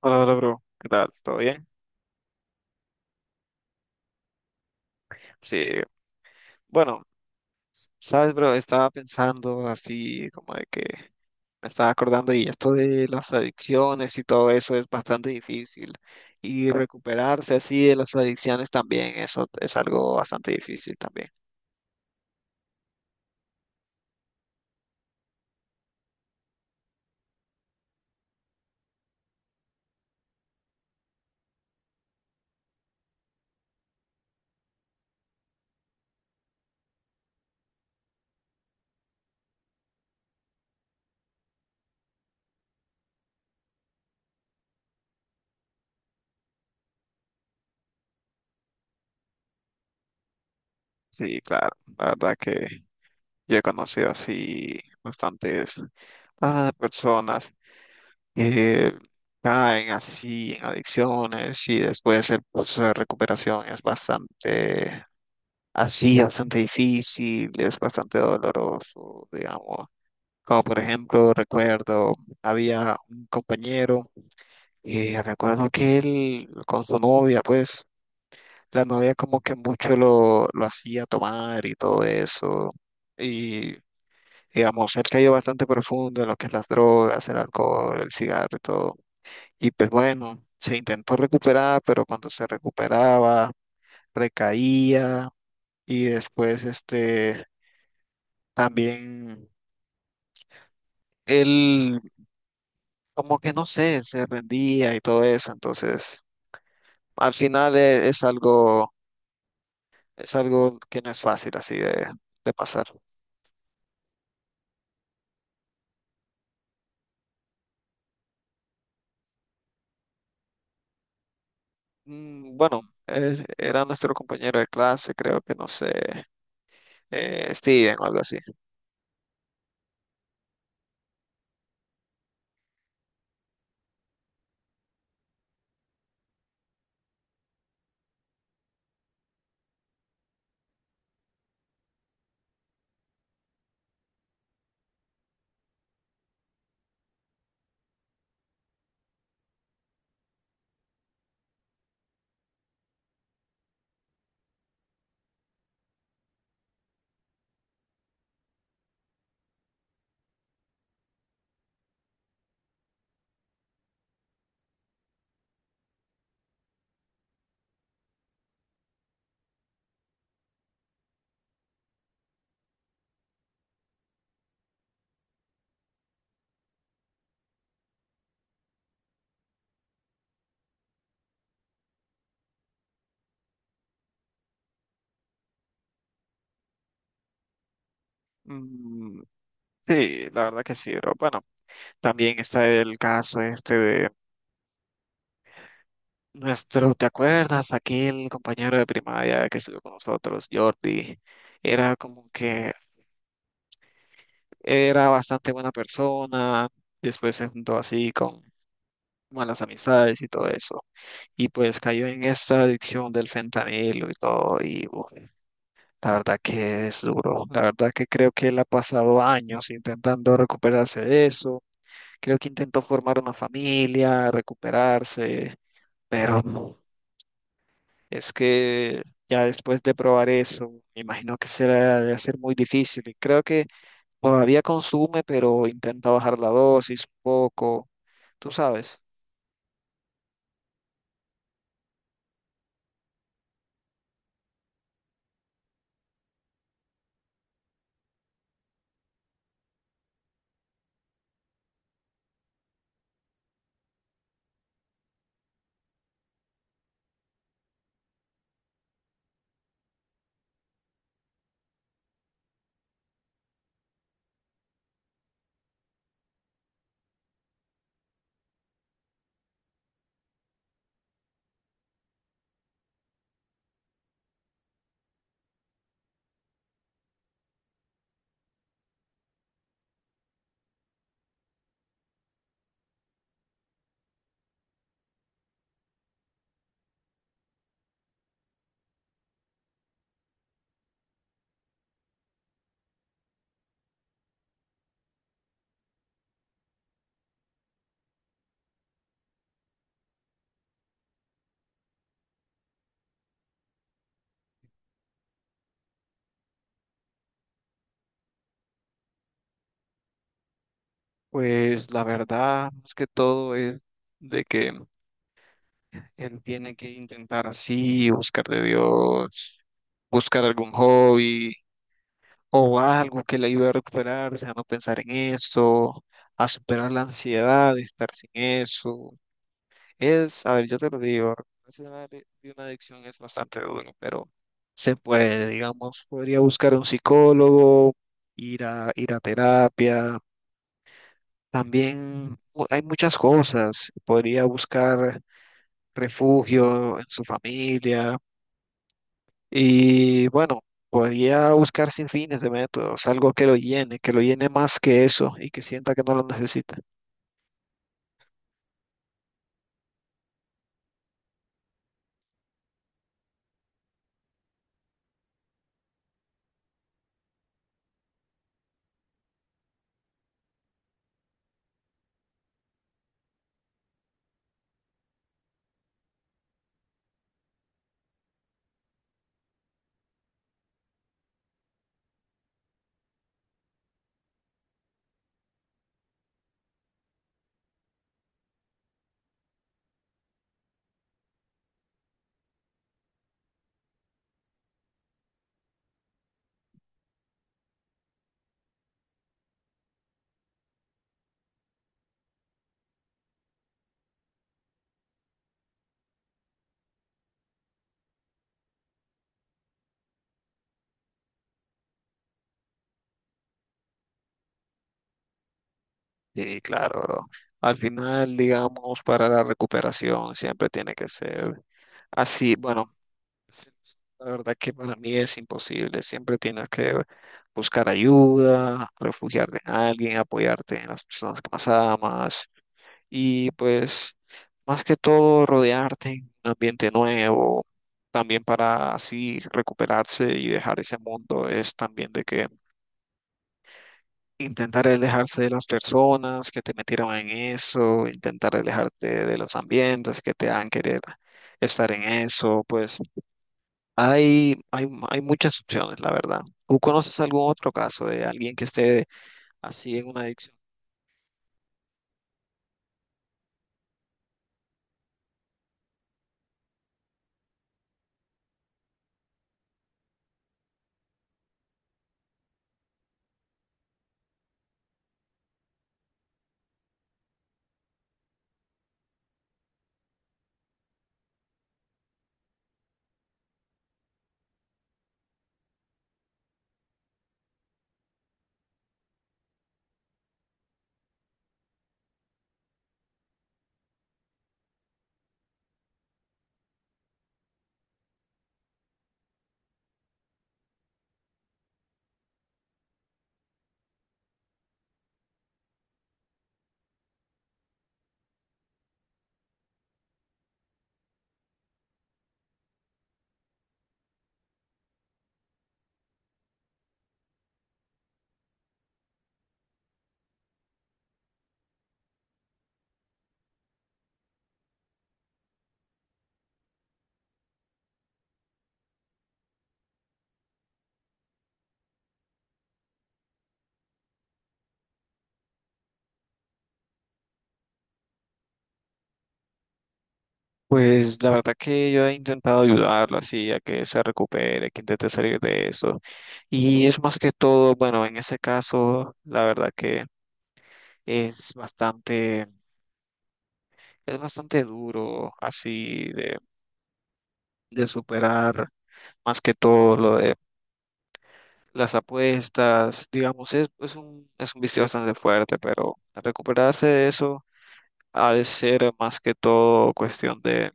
Hola, hola, bro. ¿Qué tal? ¿Todo bien? Sí, bueno, sabes, bro, estaba pensando así como de que me estaba acordando y esto de las adicciones y todo eso es bastante difícil y recuperarse así de las adicciones también, eso es algo bastante difícil también. Sí, claro, la verdad que yo he conocido así bastantes personas que caen así en adicciones y después el proceso de recuperación es bastante así bastante difícil, es bastante doloroso, digamos. Como por ejemplo, recuerdo, había un compañero y recuerdo que él con su novia, pues, la novia como que mucho lo hacía tomar y todo eso. Y digamos, él cayó bastante profundo en lo que es las drogas, el alcohol, el cigarro y todo. Y pues bueno, se intentó recuperar, pero cuando se recuperaba, recaía y después este también él, como que no sé, se rendía y todo eso. Entonces, al final es algo que no es fácil así de pasar. Mm, bueno, era nuestro compañero de clase, creo que no sé, Steven o algo así. Mm, sí, la verdad que sí, pero bueno, también está el caso este de nuestro, ¿te acuerdas? Aquel compañero de primaria que estudió con nosotros, Jordi, era como que era bastante buena persona, después se juntó así con malas amistades y todo eso. Y pues cayó en esta adicción del fentanilo y todo. Y uf, la verdad que es duro. La verdad que creo que él ha pasado años intentando recuperarse de eso. Creo que intentó formar una familia, recuperarse, pero no. Es que ya después de probar eso, me imagino que será de ser muy difícil. Y creo que todavía consume, pero intenta bajar la dosis un poco. Tú sabes, pues la verdad es que todo es de que él tiene que intentar así, buscar de Dios, buscar algún hobby o algo que le ayude a recuperarse, a no pensar en eso, a superar la ansiedad de estar sin eso. Es, a ver, yo te lo digo, recuperarse de una de una adicción es bastante duro, pero se puede, digamos, podría buscar un psicólogo, ir a, ir a terapia. También hay muchas cosas. Podría buscar refugio en su familia y bueno, podría buscar sin fines de métodos, algo que lo llene más que eso y que sienta que no lo necesita. Sí, claro, bro. Al final, digamos, para la recuperación siempre tiene que ser así. Bueno, sí, la verdad que para mí es imposible. Siempre tienes que buscar ayuda, refugiarte en alguien, apoyarte en las personas que más amas y pues más que todo rodearte en un ambiente nuevo. También para así recuperarse y dejar ese mundo es también de que intentar alejarse de las personas que te metieron en eso, intentar alejarte de los ambientes que te han querer estar en eso, pues hay muchas opciones, la verdad. ¿Tú conoces algún otro caso de alguien que esté así en una adicción? Pues la verdad que yo he intentado ayudarlo así a que se recupere, que intente salir de eso. Y es más que todo, bueno, en ese caso, la verdad que es bastante, es bastante duro así de superar más que todo lo de las apuestas, digamos, es un vicio bastante fuerte, pero recuperarse de eso ha de ser más que todo cuestión de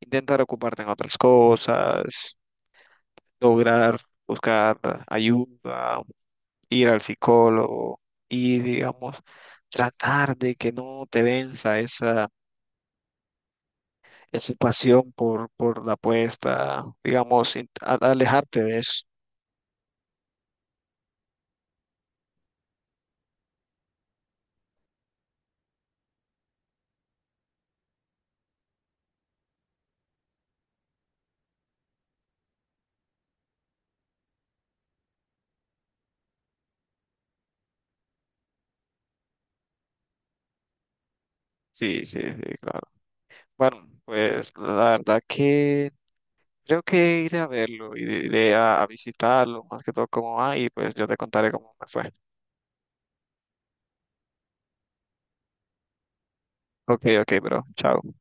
intentar ocuparte en otras cosas, lograr buscar ayuda, ir al psicólogo y, digamos, tratar de que no te venza esa, esa pasión por la apuesta, digamos, alejarte de eso. Sí, sí, sí, claro. Bueno, pues la verdad que creo que iré a verlo, iré a visitarlo, más que todo cómo va, y pues yo te contaré cómo me fue. Ok, ok, bro, chao.